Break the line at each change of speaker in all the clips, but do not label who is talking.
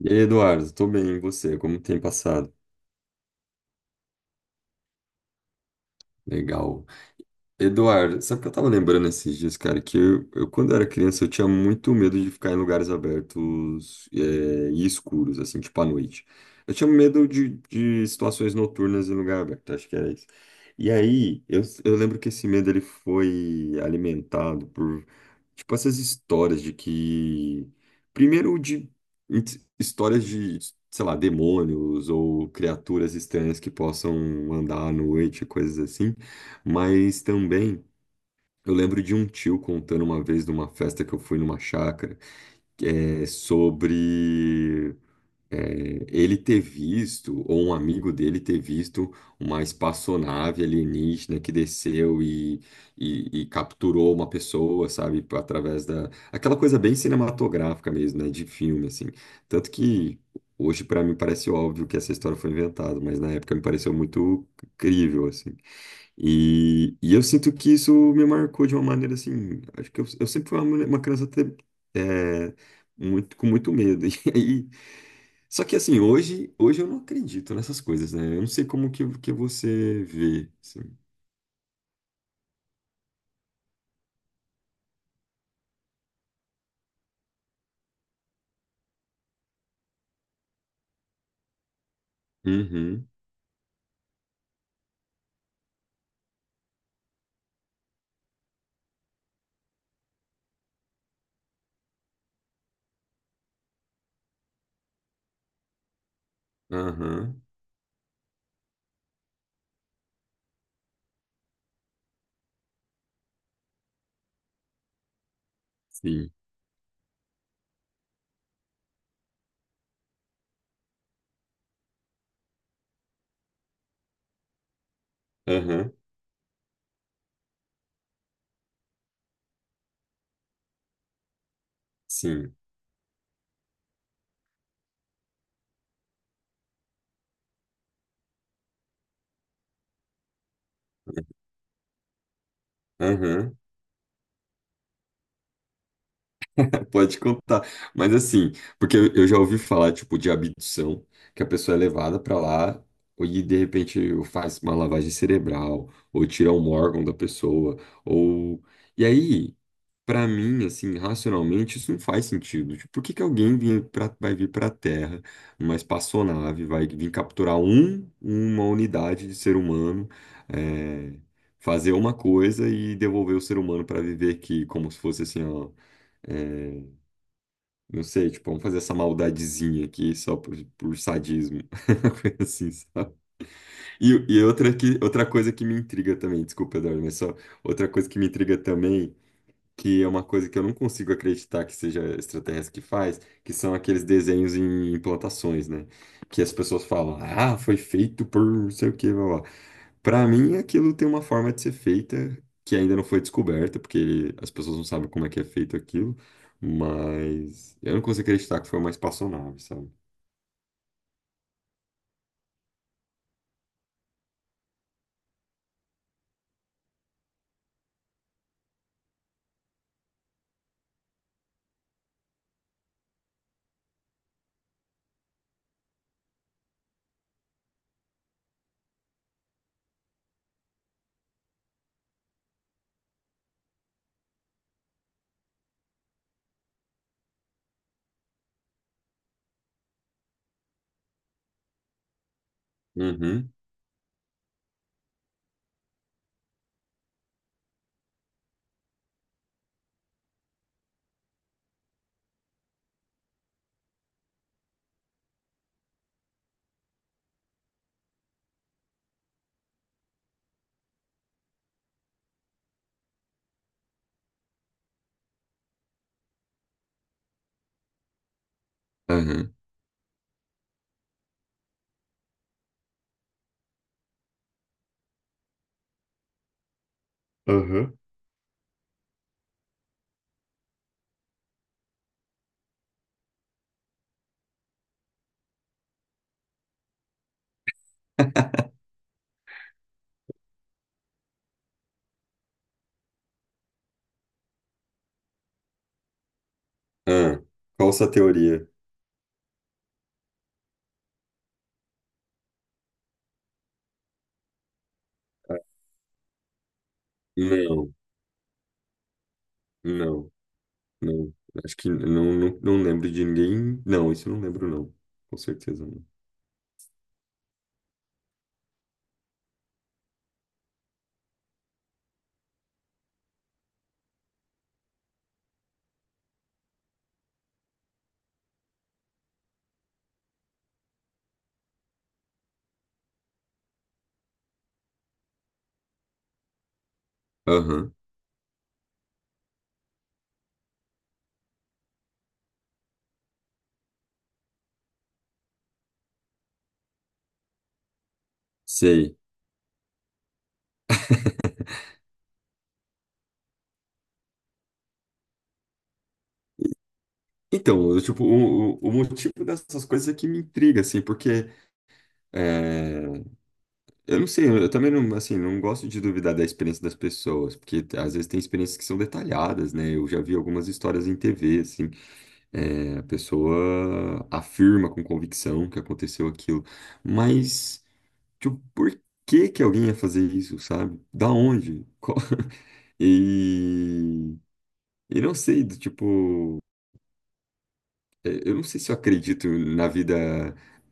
E aí, Eduardo, tô bem, e você? Como tem passado? Legal. Eduardo, sabe o que eu tava lembrando esses dias, cara? Que eu, quando eu era criança, eu tinha muito medo de ficar em lugares abertos, e escuros, assim, tipo à noite. Eu tinha medo de situações noturnas em lugar aberto, acho que era isso. E aí, eu lembro que esse medo, ele foi alimentado por, tipo, essas histórias de que... Primeiro, de histórias de, sei lá, demônios ou criaturas estranhas que possam andar à noite, coisas assim. Mas também eu lembro de um tio contando uma vez de uma festa que eu fui numa chácara, que é sobre ele ter visto, ou um amigo dele ter visto, uma espaçonave alienígena que desceu e capturou uma pessoa, sabe, através da. Aquela coisa bem cinematográfica mesmo, né, de filme, assim. Tanto que. Hoje, para mim, parece óbvio que essa história foi inventada, mas na época me pareceu muito crível, assim. E eu sinto que isso me marcou de uma maneira assim. Acho que eu sempre fui uma criança é, muito, com muito medo. E aí, só que assim, hoje eu não acredito nessas coisas, né? Eu não sei como que você vê. Assim. Uhum, aham, sim, aham, sim, aham. Pode contar. Mas assim, porque eu já ouvi falar, tipo, de abdução, que a pessoa é levada pra lá e de repente faz uma lavagem cerebral, ou tira um órgão da pessoa, ou. E aí, pra mim, assim, racionalmente, isso não faz sentido. Tipo, por que que alguém vinha pra... vai vir pra Terra, uma espaçonave, vai vir capturar um, uma unidade de ser humano, é, fazer uma coisa e devolver o ser humano pra viver aqui, como se fosse assim, ó. eh, não sei, tipo, vamos fazer essa maldadezinha aqui só por sadismo. Coisa assim, sabe? Outra coisa que me intriga também, desculpa, Eduardo, mas só outra coisa que me intriga também, que é uma coisa que eu não consigo acreditar que seja extraterrestre que faz, que são aqueles desenhos em plantações, né? Que as pessoas falam, ah, foi feito por não sei o quê, blá, blá. Para mim, aquilo tem uma forma de ser feita que ainda não foi descoberta, porque as pessoas não sabem como é que é feito aquilo, mas eu não consigo acreditar que foi uma espaçonave, sabe? Uhum, aham, aham. Ah, qual essa teoria? Ah, não, não, não. Acho que não, não lembro de ninguém. Não, isso eu não lembro, não. Com certeza não. Aham, sei. Então, eu, tipo, o motivo dessas coisas é que me intriga, assim, porque eh, eu não sei, eu também não, assim, não gosto de duvidar da experiência das pessoas, porque às vezes tem experiências que são detalhadas, né? Eu já vi algumas histórias em TV, assim, a pessoa afirma com convicção que aconteceu aquilo, mas, tipo, por que que alguém ia fazer isso, sabe? Da onde? E, e não sei, do tipo eu não sei se eu acredito na vida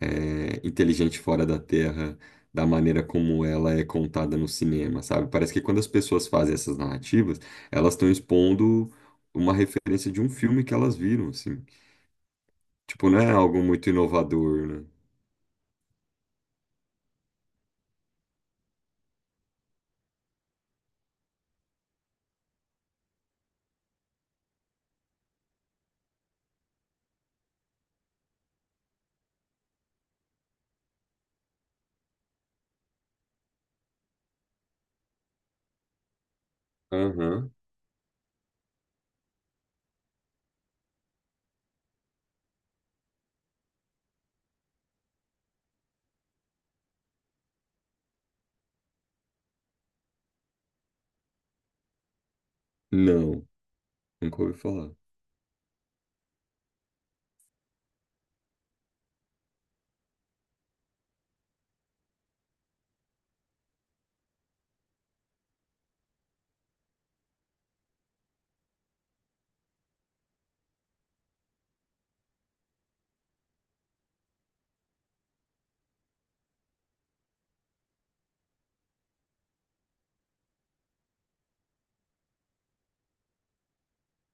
inteligente fora da Terra, da maneira como ela é contada no cinema, sabe? Parece que quando as pessoas fazem essas narrativas, elas estão expondo uma referência de um filme que elas viram, assim. Tipo, não é algo muito inovador, né? Aham. Não, nunca ouvi falar.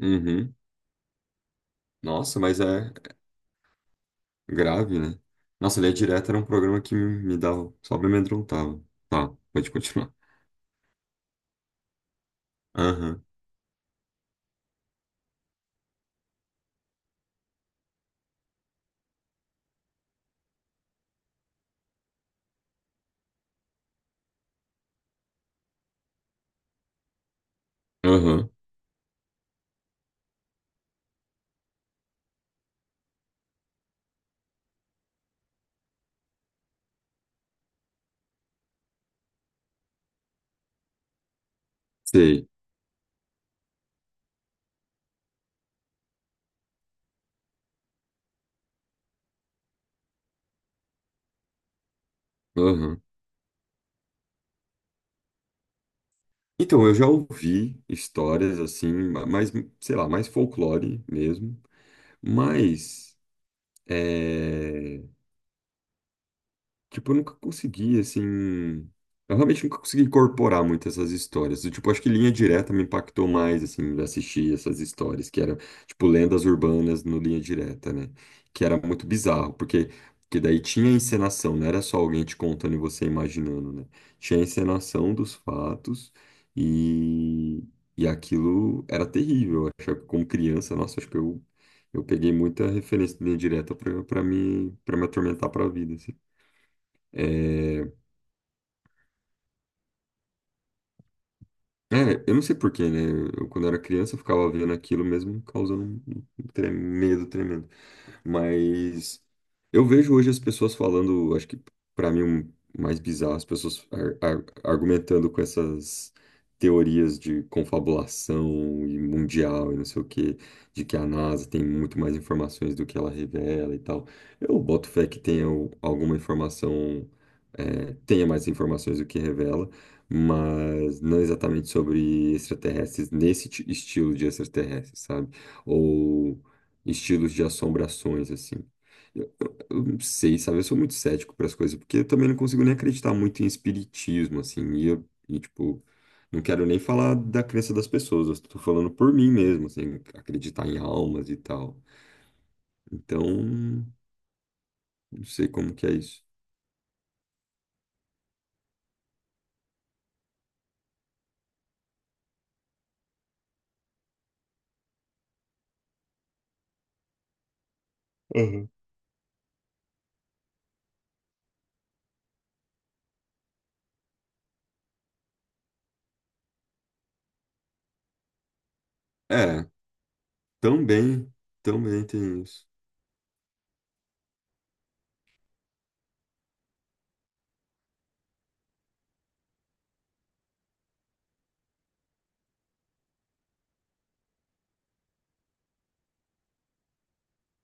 Uhum. Nossa, mas é grave, né? Nossa, Linha Direta era um programa que me dava, só me amedrontava. Tá, pode continuar. Aham, aham, sei. Aham. Então, eu já ouvi histórias assim, mais, sei lá, mais folclore mesmo, mas eh, tipo, eu nunca consegui, assim. Eu realmente nunca consegui incorporar muito essas histórias. Eu, tipo, acho que Linha Direta me impactou mais, assim, assistir essas histórias, que era, tipo, lendas urbanas no Linha Direta, né? Que era muito bizarro, porque, porque daí tinha encenação, não era só alguém te contando e você imaginando, né? Tinha a encenação dos fatos e, e aquilo era terrível. Eu achava que como criança, nossa, acho que eu peguei muita referência de Linha Direta pra me atormentar pra vida, assim. É, eu não sei porquê, né? Eu, quando era criança, eu ficava vendo aquilo mesmo, me causando um medo tremendo. Mas eu vejo hoje as pessoas falando, acho que para mim o mais bizarro, as pessoas argumentando com essas teorias de confabulação e mundial e não sei o quê, de que a NASA tem muito mais informações do que ela revela e tal. Eu boto fé que tenha alguma informação, é, tenha mais informações do que revela, mas não exatamente sobre extraterrestres, nesse estilo de extraterrestres, sabe? Ou estilos de assombrações, assim. Eu não sei, sabe? Eu sou muito cético para as coisas, porque eu também não consigo nem acreditar muito em espiritismo, assim. E, eu, e, tipo, não quero nem falar da crença das pessoas, eu estou falando por mim mesmo, assim, acreditar em almas e tal. Então, não sei como que é isso. Aham. É, também, também tem isso.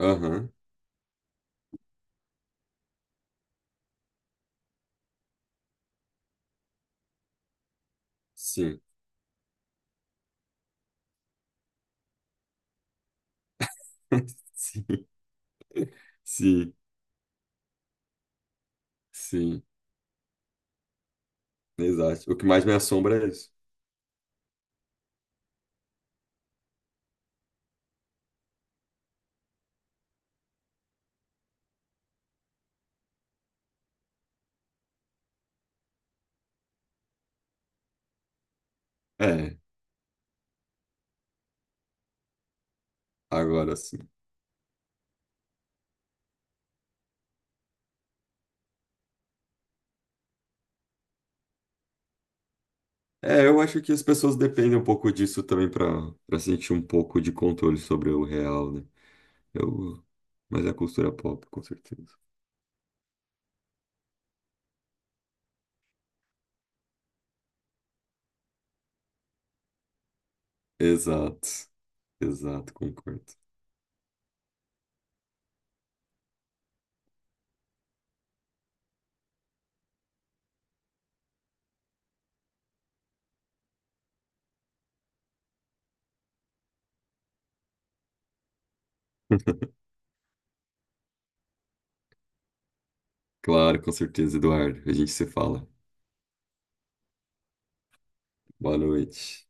Aham, sim. Sim, sim, sim, exato. O que mais me assombra é isso. É, agora sim. É, eu acho que as pessoas dependem um pouco disso também para para sentir um pouco de controle sobre o real, né? Eu... Mas é a cultura pop, com certeza. Exato, exato, concordo. Claro, com certeza, Eduardo. A gente se fala. Boa noite.